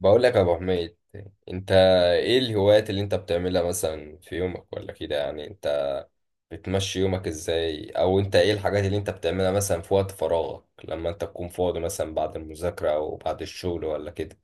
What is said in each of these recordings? بقول لك يا ابو حميد. انت، ايه الهوايات اللي انت بتعملها مثلا في يومك ولا كده؟ يعني انت بتمشي يومك ازاي؟ او انت ايه الحاجات اللي انت بتعملها مثلا في وقت فراغك لما انت تكون فاضي مثلا بعد المذاكرة او بعد الشغل ولا كده؟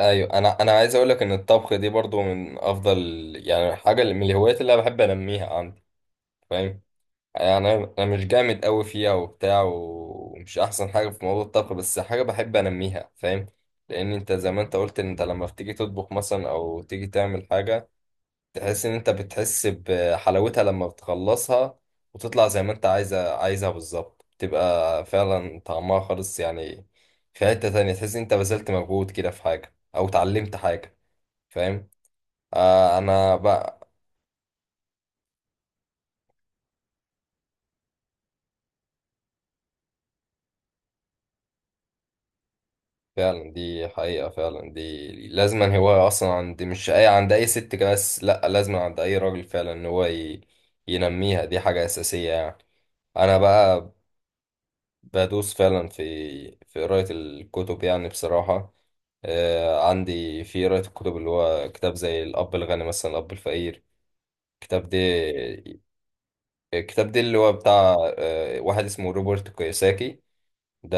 ايوه، انا عايز اقول لك ان الطبخ دي برضو من افضل يعني حاجة من الهوايات اللي انا بحب انميها عندي، فاهم؟ يعني انا مش جامد قوي فيها وبتاع، ومش احسن حاجه في موضوع الطبخ، بس حاجه بحب انميها، فاهم؟ لان انت زي ما انت قلت، ان انت لما بتيجي تطبخ مثلا او تيجي تعمل حاجه، تحس ان انت بتحس بحلاوتها لما بتخلصها، وتطلع زي ما انت عايزها بالظبط، تبقى فعلا طعمها خالص يعني. في حته تانية، تحس ان انت بذلت مجهود كده في حاجه او اتعلمت حاجه، فاهم؟ آه، انا بقى، فعلا دي حقيقة، فعلا دي لازما هواية أصلا عند، مش أي، عند أي ست كده، بس لأ، لازما عند أي راجل فعلا، إن هو ينميها. دي حاجة أساسية يعني. أنا بقى بدوس فعلا في في قراية الكتب يعني، بصراحة، آه، عندي في قراية الكتب اللي هو كتاب زي الأب الغني مثلا، الأب الفقير. الكتاب ده الكتاب ده اللي هو بتاع آه واحد اسمه روبرت كيوساكي. ده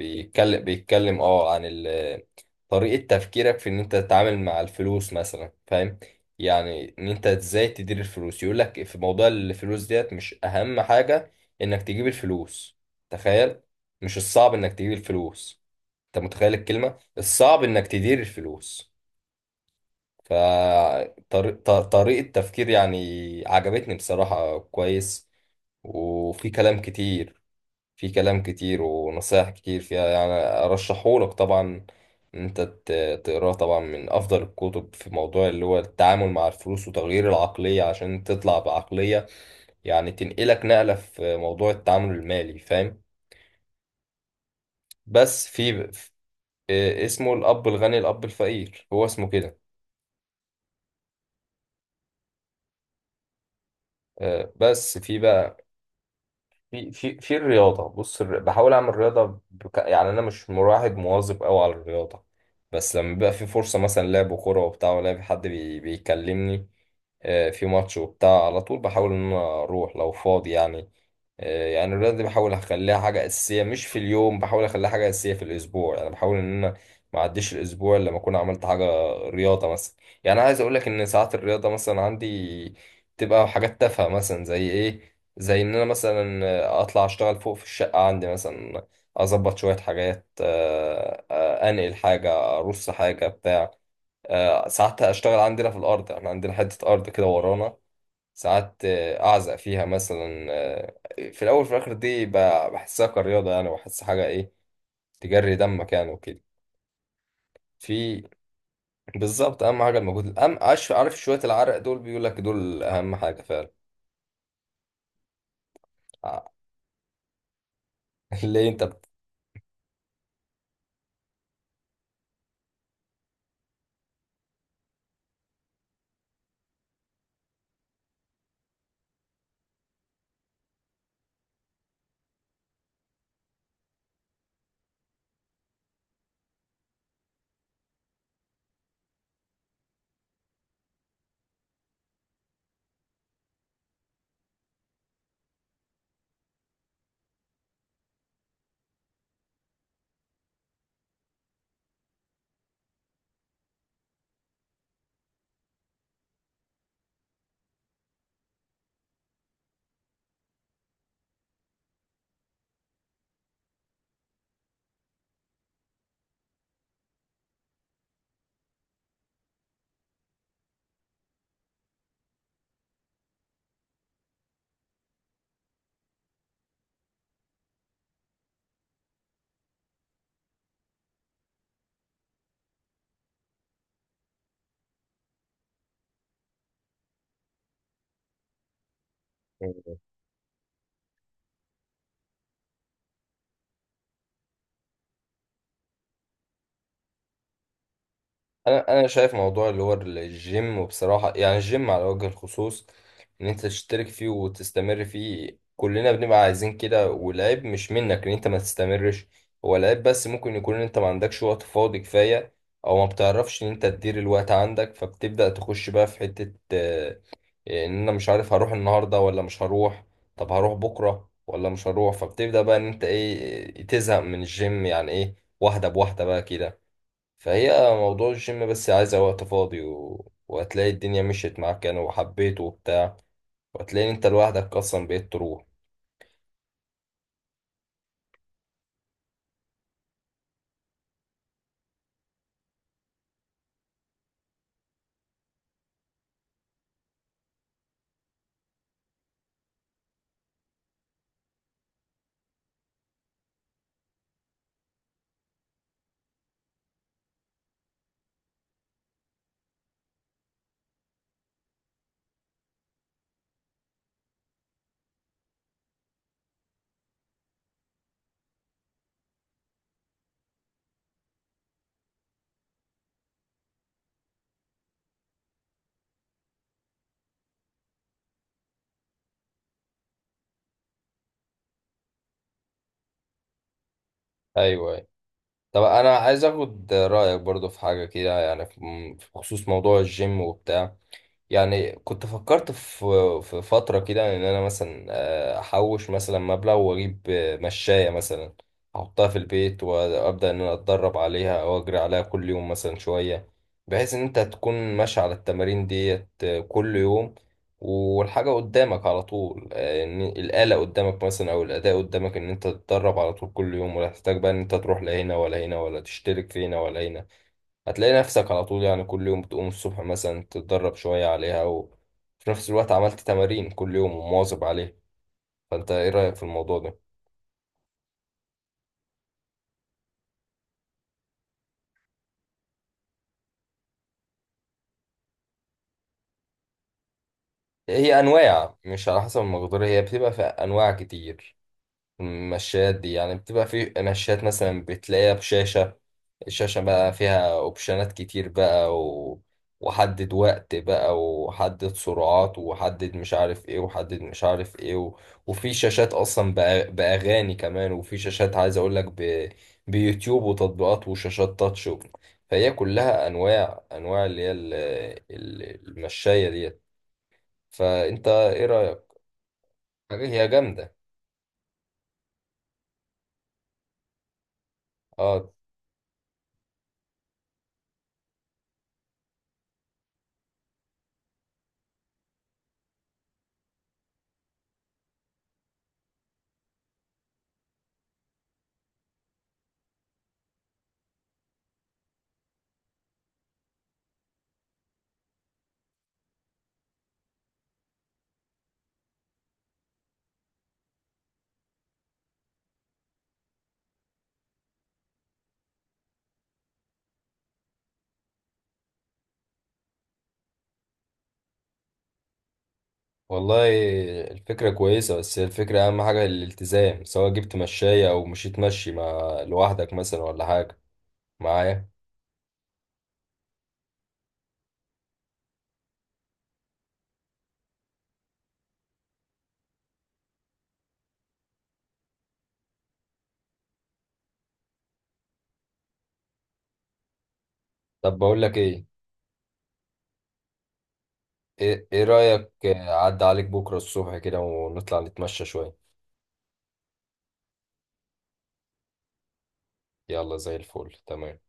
بيتكلم اه عن طريقة تفكيرك في ان انت تتعامل مع الفلوس مثلا، فاهم؟ يعني ان انت ازاي تدير الفلوس. يقول لك في موضوع الفلوس ديت مش اهم حاجة انك تجيب الفلوس، تخيل، مش الصعب انك تجيب الفلوس، انت متخيل الكلمة، الصعب انك تدير الفلوس. ف طريقة تفكير يعني، عجبتني بصراحة، كويس. وفي كلام كتير في كلام كتير ونصايح كتير فيها يعني، أرشحهولك طبعا إن أنت تقراه. طبعا من أفضل الكتب في موضوع اللي هو التعامل مع الفلوس وتغيير العقلية، عشان تطلع بعقلية يعني تنقلك نقلة في موضوع التعامل المالي، فاهم؟ بس في آه، اسمه الأب الغني الأب الفقير، هو اسمه كده. آه، بس في بقى في في في الرياضة، بص، بحاول أعمل رياضة يعني أنا مش مواظب أوي على الرياضة، بس لما بيبقى في فرصة مثلا لعب كورة وبتاع، ولا في حد بيكلمني آه، في ماتش وبتاع، على طول بحاول إن أنا أروح لو فاضي يعني. آه، يعني الرياضة دي بحاول أخليها حاجة أساسية، مش في اليوم بحاول أخليها حاجة أساسية في الأسبوع يعني، بحاول إن أنا ما أعديش الأسبوع إلا لما أكون عملت حاجة رياضة مثلا. يعني عايز أقولك إن ساعات الرياضة مثلا عندي تبقى حاجات تافهة مثلا زي إيه، زي ان انا مثلا اطلع اشتغل فوق في الشقة عندي مثلا، اظبط شوية حاجات، انقل حاجة، ارص حاجة بتاع. ساعات اشتغل عندنا في الارض، احنا عندنا حتة ارض كده ورانا، ساعات اعزق فيها مثلا، في الاول في الاخر دي بحسها كرياضة يعني، وبحس حاجة ايه، تجري دمك يعني وكده. في بالظبط اهم حاجة المجهود، عارف، شوية العرق دول بيقول لك دول اهم حاجة فعلا. ليه انت؟ بت... انا شايف موضوع اللي هو الجيم، وبصراحه يعني الجيم على وجه الخصوص، ان انت تشترك فيه وتستمر فيه كلنا بنبقى عايزين كده، والعيب مش منك ان انت ما تستمرش. هو العيب بس ممكن يكون ان انت ما عندكش وقت فاضي كفايه، او ما بتعرفش ان انت تدير الوقت عندك، فبتبدا تخش بقى في حته آه، ان انا مش عارف هروح النهارده ولا مش هروح، طب هروح بكره ولا مش هروح، فبتبدا بقى ان انت ايه آه، تزهق من الجيم يعني ايه، واحده بواحده بقى كده. فهي موضوع الجيم بس عايزة وقت فاضي وهتلاقي الدنيا مشيت معاك يعني وحبيته وبتاع، وهتلاقي انت لوحدك اصلا بقيت تروح. ايوه، ايوه، طب انا عايز اخد رأيك برضو في حاجة كده يعني، في في خصوص موضوع الجيم وبتاع، يعني كنت فكرت في في فترة كده إن أنا مثلا آه، أحوش مثلا مبلغ وأجيب آه، مشاية مثلا، أحطها في البيت وأبدأ إن أنا أتدرب عليها أو أجري عليها كل يوم مثلا شوية، بحيث إن أنت تكون ماشي على التمارين ديت آه، كل يوم، والحاجة قدامك على طول آه، إن الآلة قدامك مثلا أو الأداء قدامك، إن أنت تتدرب على طول كل يوم ولا تحتاج بقى إن أنت تروح لا هنا ولا هنا، ولا تشترك في هنا ولا هنا. هتلاقي نفسك على طول يعني كل يوم بتقوم الصبح مثلا تتدرب شوية عليها، وفي نفس الوقت عملت تمارين كل يوم ومواظب عليها. فانت ايه رأيك في الموضوع ده؟ هي انواع، مش على حسب المقدار، هي بتبقى في انواع كتير. المشات دي يعني بتبقى في مشات مثلا بتلاقيها بشاشة، الشاشة بقى فيها اوبشنات كتير بقى وحدد وقت بقى، وحدد سرعات، وحدد مش عارف ايه، وحدد مش عارف ايه وفي شاشات اصلا بأغاني كمان، وفي شاشات عايز اقول لك بيوتيوب وتطبيقات وشاشات تاتش فهي كلها انواع اللي هي المشاية ديت. فانت ايه رأيك؟ حاجة هي جامدة. اه والله الفكرة كويسة، بس هي الفكرة أهم حاجة الالتزام، سواء جبت مشاية أو مشيت مشي مع لوحدك مثلا ولا حاجة، معايا؟ طب بقول لك إيه، إيه رأيك، عدى عليك بكرة الصبح كده ونطلع نتمشى شوية؟ يلا، زي الفل، تمام.